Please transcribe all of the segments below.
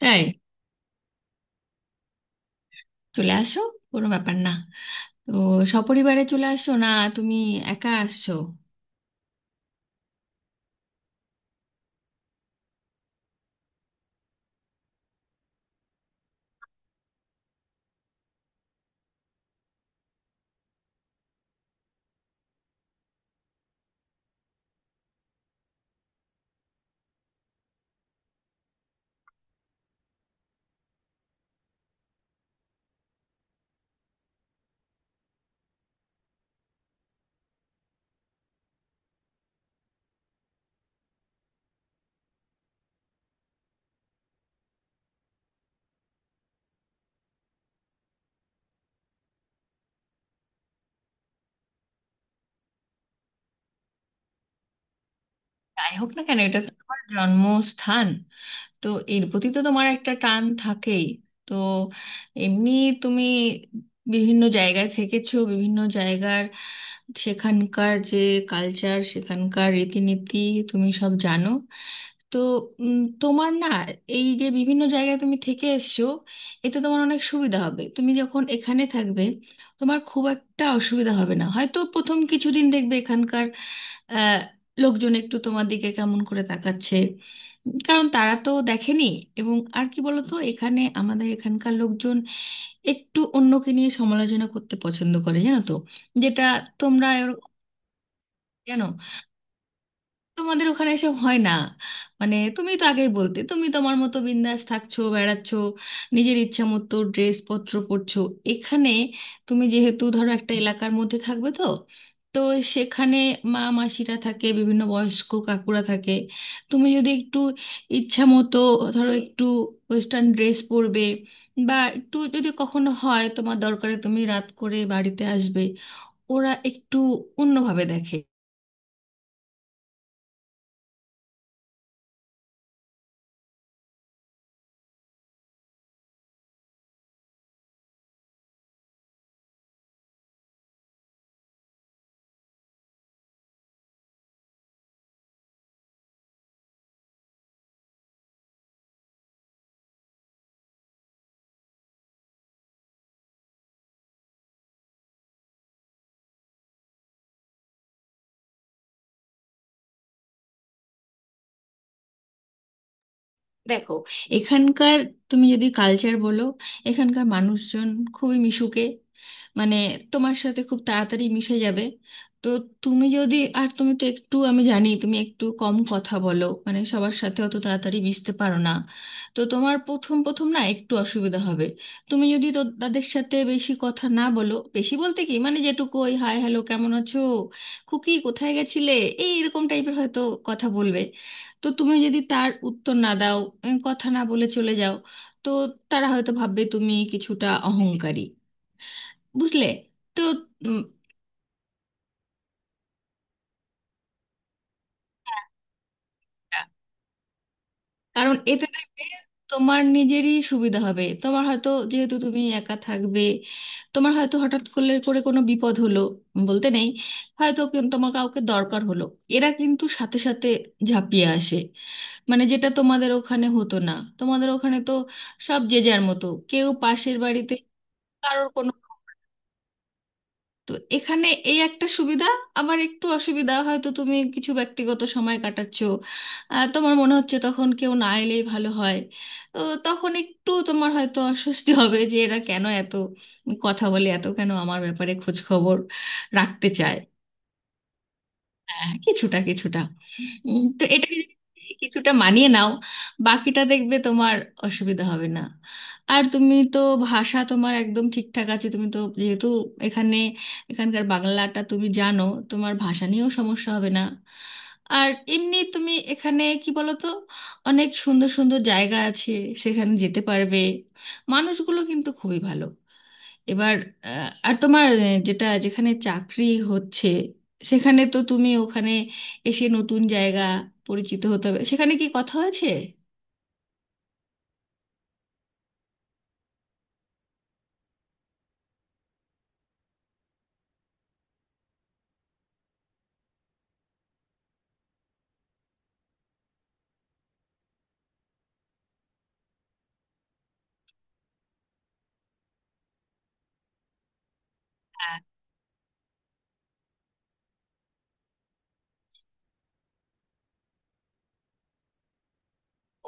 তাই চলে আসো, কোনো ব্যাপার না। তো সপরিবারে চলে আসো না, তুমি একা আসছো? যাই হোক না কেন, এটা তো তোমার জন্মস্থান, তো এর প্রতি তো তোমার একটা টান থাকেই। তো এমনি তুমি বিভিন্ন জায়গায় থেকেছো, বিভিন্ন জায়গার সেখানকার যে কালচার, সেখানকার রীতিনীতি তুমি সব জানো। তো উম, তোমার না এই যে বিভিন্ন জায়গায় তুমি থেকে এসছো, এতে তোমার অনেক সুবিধা হবে। তুমি যখন এখানে থাকবে, তোমার খুব একটা অসুবিধা হবে না। হয়তো প্রথম কিছুদিন দেখবে এখানকার আহ, লোকজন একটু তোমার দিকে কেমন করে তাকাচ্ছে, কারণ তারা তো দেখেনি। এবং আর কি বলতো, এখানে আমাদের এখানকার লোকজন একটু অন্যকে নিয়ে সমালোচনা করতে পছন্দ করে, জানো তো। যেটা তোমরা এরকম- জানো, তোমাদের ওখানে এসব হয় না। মানে তুমি তো আগেই বলতে, তুমি তোমার মতো বিন্দাস থাকছো, বেড়াচ্ছো, নিজের ইচ্ছা মতো ড্রেসপত্র পরছো। এখানে তুমি যেহেতু ধরো একটা এলাকার মধ্যে থাকবে, তো তো সেখানে মা মাসিরা থাকে, বিভিন্ন বয়স্ক কাকুরা থাকে। তুমি যদি একটু ইচ্ছা মতো ধরো একটু ওয়েস্টার্ন ড্রেস পরবে, বা একটু যদি কখনো হয় তোমার দরকারে তুমি রাত করে বাড়িতে আসবে, ওরা একটু অন্যভাবে দেখে। দেখো, এখানকার তুমি যদি কালচার বলো, এখানকার মানুষজন খুবই মিশুকে, মানে তোমার সাথে খুব তাড়াতাড়ি মিশে যাবে। তো তুমি যদি, আর তুমি তো একটু, আমি জানি তুমি একটু কম কথা বলো, মানে সবার সাথে অত তাড়াতাড়ি মিশতে পারো না, তো তোমার প্রথম প্রথম না একটু অসুবিধা হবে। তুমি যদি তো তাদের সাথে বেশি কথা না বলো, বেশি বলতে কি মানে যেটুকু ওই হাই হ্যালো, কেমন আছো, খুকি কোথায় গেছিলে, এই এরকম টাইপের হয়তো কথা বলবে, তো তুমি যদি তার উত্তর না দাও, কথা না বলে চলে যাও, তো তারা হয়তো ভাববে তুমি কিছুটা অহংকারী, বুঝলে? তো উম, কারণ এতে দেখবে তোমার নিজেরই সুবিধা হবে। তোমার হয়তো, যেহেতু তুমি একা থাকবে, তোমার হয়তো হঠাৎ করে কোনো বিপদ হলো, বলতে নেই, হয়তো তোমার কাউকে দরকার হলো, এরা কিন্তু সাথে সাথে ঝাঁপিয়ে আসে। মানে যেটা তোমাদের ওখানে হতো না, তোমাদের ওখানে তো সব যে যার মতো, কেউ পাশের বাড়িতে কারোর কোনো, তো এখানে এই একটা সুবিধা। আবার একটু অসুবিধা হয়তো, তুমি কিছু ব্যক্তিগত সময় কাটাচ্ছো, তোমার মনে হচ্ছে তখন কেউ না এলেই ভালো হয়, তো তখন একটু তোমার হয়তো অস্বস্তি হবে যে এরা কেন এত কথা বলে, এত কেন আমার ব্যাপারে খোঁজ খবর রাখতে চায়। হ্যাঁ, কিছুটা কিছুটা। তো এটা কিছুটা মানিয়ে নাও, বাকিটা দেখবে তোমার অসুবিধা হবে না। আর তুমি তো ভাষা তোমার একদম ঠিকঠাক আছে, তুমি তো যেহেতু এখানে, এখানকার বাংলাটা তুমি জানো, তোমার ভাষা নিয়েও সমস্যা হবে না। আর এমনি তুমি এখানে কি বলো তো, অনেক সুন্দর সুন্দর জায়গা আছে, সেখানে যেতে পারবে। মানুষগুলো কিন্তু খুবই ভালো। এবার আর তোমার যেটা যেখানে চাকরি হচ্ছে, সেখানে তো তুমি ওখানে এসে নতুন জায়গা পরিচিত হতে হবে, সেখানে কি কথা হয়েছে?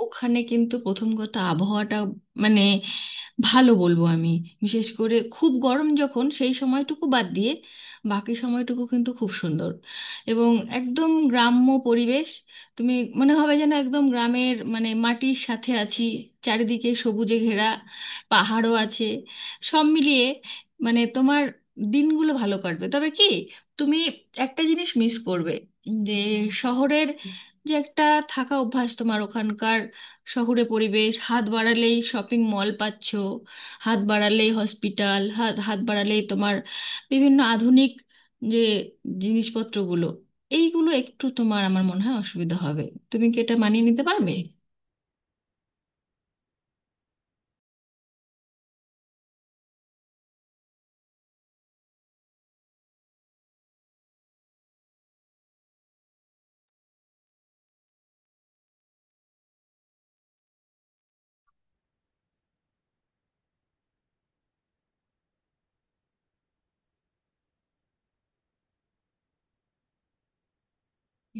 ওখানে কিন্তু প্রথম কথা আবহাওয়াটা, মানে ভালো বলবো আমি। বিশেষ করে খুব গরম যখন, সেই সময়টুকু বাদ দিয়ে বাকি সময়টুকু কিন্তু খুব সুন্দর। এবং একদম গ্রাম্য পরিবেশ, তুমি মনে হবে যেন একদম গ্রামের, মানে মাটির সাথে আছি, চারিদিকে সবুজে ঘেরা, পাহাড়ও আছে। সব মিলিয়ে মানে তোমার দিনগুলো ভালো কাটবে। তবে কি, তুমি একটা জিনিস মিস করবে, যে শহরের যে একটা থাকা অভ্যাস তোমার, ওখানকার শহুরে পরিবেশ, হাত বাড়ালেই শপিং মল পাচ্ছ, হাত বাড়ালেই হসপিটাল, হাত হাত বাড়ালেই তোমার বিভিন্ন আধুনিক যে জিনিসপত্রগুলো, এইগুলো একটু তোমার, আমার মনে হয় অসুবিধা হবে। তুমি কি এটা মানিয়ে নিতে পারবে?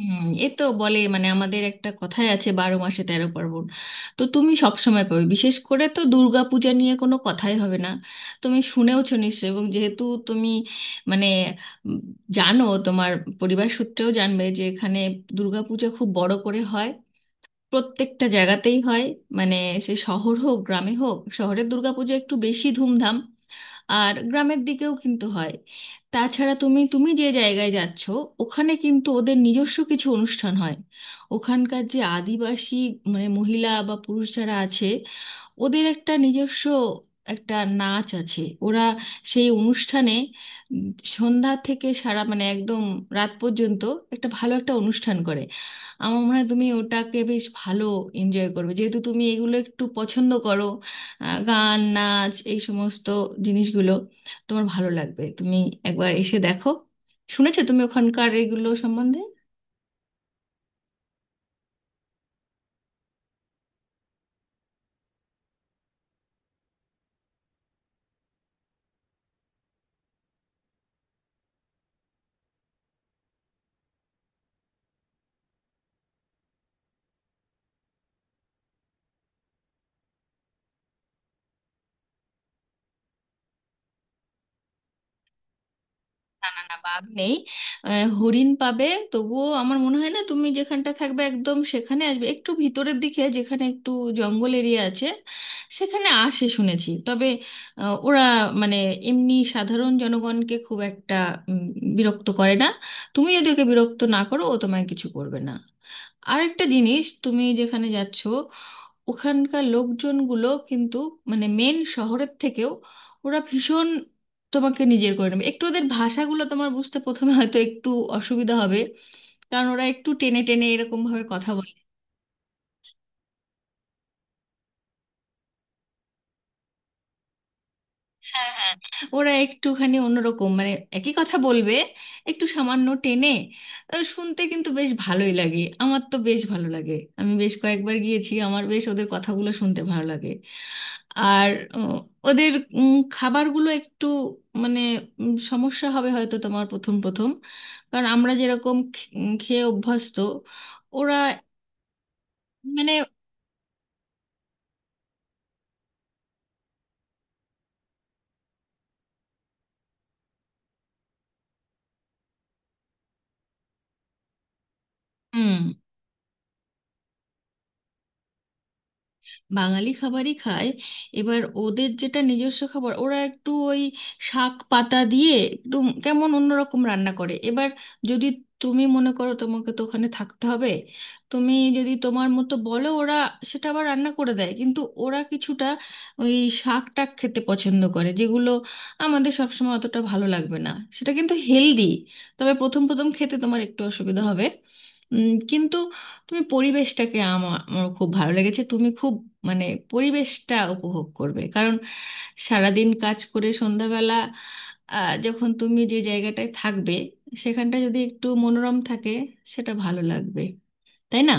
হুম। এ তো বলে, মানে আমাদের একটা কথাই আছে, বারো মাসে তেরো পার্বণ। তো তুমি সব সময় পাবে, বিশেষ করে তো দুর্গা পূজা নিয়ে কোনো কথাই হবে না, তুমি শুনেওছো নিশ্চয়ই। এবং যেহেতু তুমি মানে উম, জানো, তোমার পরিবার সূত্রেও জানবে যে এখানে দুর্গা পূজা খুব বড় করে হয়, প্রত্যেকটা জায়গাতেই হয়, মানে সে শহর হোক গ্রামে হোক। শহরের দুর্গাপূজা একটু বেশি ধুমধাম, আর গ্রামের দিকেও কিন্তু হয়। তাছাড়া তুমি তুমি যে জায়গায় যাচ্ছ, ওখানে কিন্তু ওদের নিজস্ব কিছু অনুষ্ঠান হয়। ওখানকার যে আদিবাসী, মানে মহিলা বা পুরুষ যারা আছে, ওদের একটা নিজস্ব একটা নাচ আছে, ওরা সেই অনুষ্ঠানে উম, সন্ধ্যা থেকে সারা মানে একদম রাত পর্যন্ত একটা ভালো একটা অনুষ্ঠান করে। আমার মনে হয় তুমি ওটাকে বেশ ভালো এনজয় করবে, যেহেতু তুমি এগুলো একটু পছন্দ করো, গান নাচ এই সমস্ত জিনিসগুলো তোমার ভালো লাগবে। তুমি একবার এসে দেখো। শুনেছো তুমি ওখানকার এগুলো সম্বন্ধে? না না না, বাঘ নেই। হরিণ পাবে, তবুও আমার মনে হয় না তুমি যেখানটা থাকবে একদম সেখানে আসবে। একটু ভিতরের দিকে যেখানে একটু জঙ্গল এরিয়া আছে, সেখানে আসে শুনেছি। তবে ওরা মানে এমনি সাধারণ জনগণকে খুব একটা উম, বিরক্ত করে না। তুমি যদি ওকে বিরক্ত না করো, ও তোমায় কিছু করবে না। আরেকটা জিনিস, তুমি যেখানে যাচ্ছ ওখানকার লোকজনগুলো কিন্তু, মানে মেন শহরের থেকেও ওরা ভীষণ তোমাকে নিজের করে নেবে। একটু ওদের ভাষাগুলো তোমার বুঝতে প্রথমে হয়তো একটু অসুবিধা হবে, কারণ ওরা একটু টেনে টেনে এরকম ভাবে কথা বলে। হ্যাঁ হ্যাঁ, ওরা একটুখানি অন্যরকম মানে, একই কথা বলবে একটু সামান্য টেনে। শুনতে কিন্তু বেশ ভালোই লাগে, আমার তো বেশ ভালো লাগে। আমি বেশ কয়েকবার গিয়েছি, আমার বেশ ওদের কথাগুলো শুনতে ভালো লাগে। আর উম, ওদের খাবারগুলো একটু মানে সমস্যা হবে হয়তো তোমার প্রথম প্রথম, কারণ আমরা যেরকম খেয়ে অভ্যস্ত ওরা মানে, বাঙালি খাবারই খায়। এবার ওদের যেটা নিজস্ব খাবার, ওরা একটু ওই শাক পাতা দিয়ে একটু কেমন অন্যরকম রান্না করে। এবার যদি তুমি মনে করো, তোমাকে তো ওখানে থাকতে হবে, তুমি যদি তোমার মতো বলো, ওরা সেটা আবার রান্না করে দেয়। কিন্তু ওরা কিছুটা ওই শাক টাক খেতে পছন্দ করে, যেগুলো আমাদের সবসময় অতটা ভালো লাগবে না, সেটা কিন্তু হেলদি। তবে প্রথম প্রথম খেতে তোমার একটু অসুবিধা হবে, কিন্তু তুমি পরিবেশটাকে, আমার আমার খুব ভালো লেগেছে, তুমি খুব মানে পরিবেশটা উপভোগ করবে। কারণ সারাদিন কাজ করে সন্ধ্যাবেলা যখন তুমি যে জায়গাটায় থাকবে সেখানটা যদি একটু মনোরম থাকে, সেটা ভালো লাগবে, তাই না?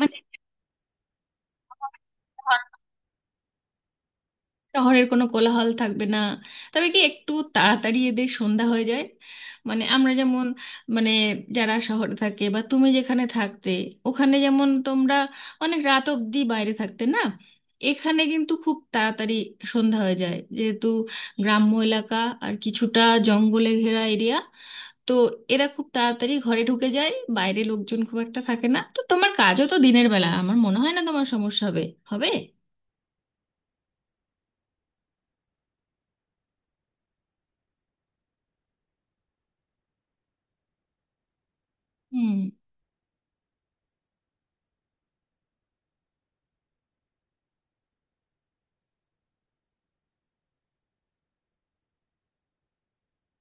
মানে শহরের কোনো কোলাহল থাকবে না। তবে কি একটু তাড়াতাড়ি এদের সন্ধ্যা হয়ে যায়, মানে আমরা যেমন, মানে যারা শহরে থাকে, বা তুমি যেখানে থাকতে ওখানে যেমন তোমরা অনেক রাত অবধি বাইরে থাকতে না, এখানে কিন্তু খুব তাড়াতাড়ি সন্ধ্যা হয়ে যায়, যেহেতু গ্রাম্য এলাকা আর কিছুটা জঙ্গলে ঘেরা এরিয়া। তো এরা খুব তাড়াতাড়ি ঘরে ঢুকে যায়, বাইরে লোকজন খুব একটা থাকে না। তো তোমার কাজও তো দিনের বেলা, আমার মনে হয় না তোমার সমস্যা হবে, হবে। হুম।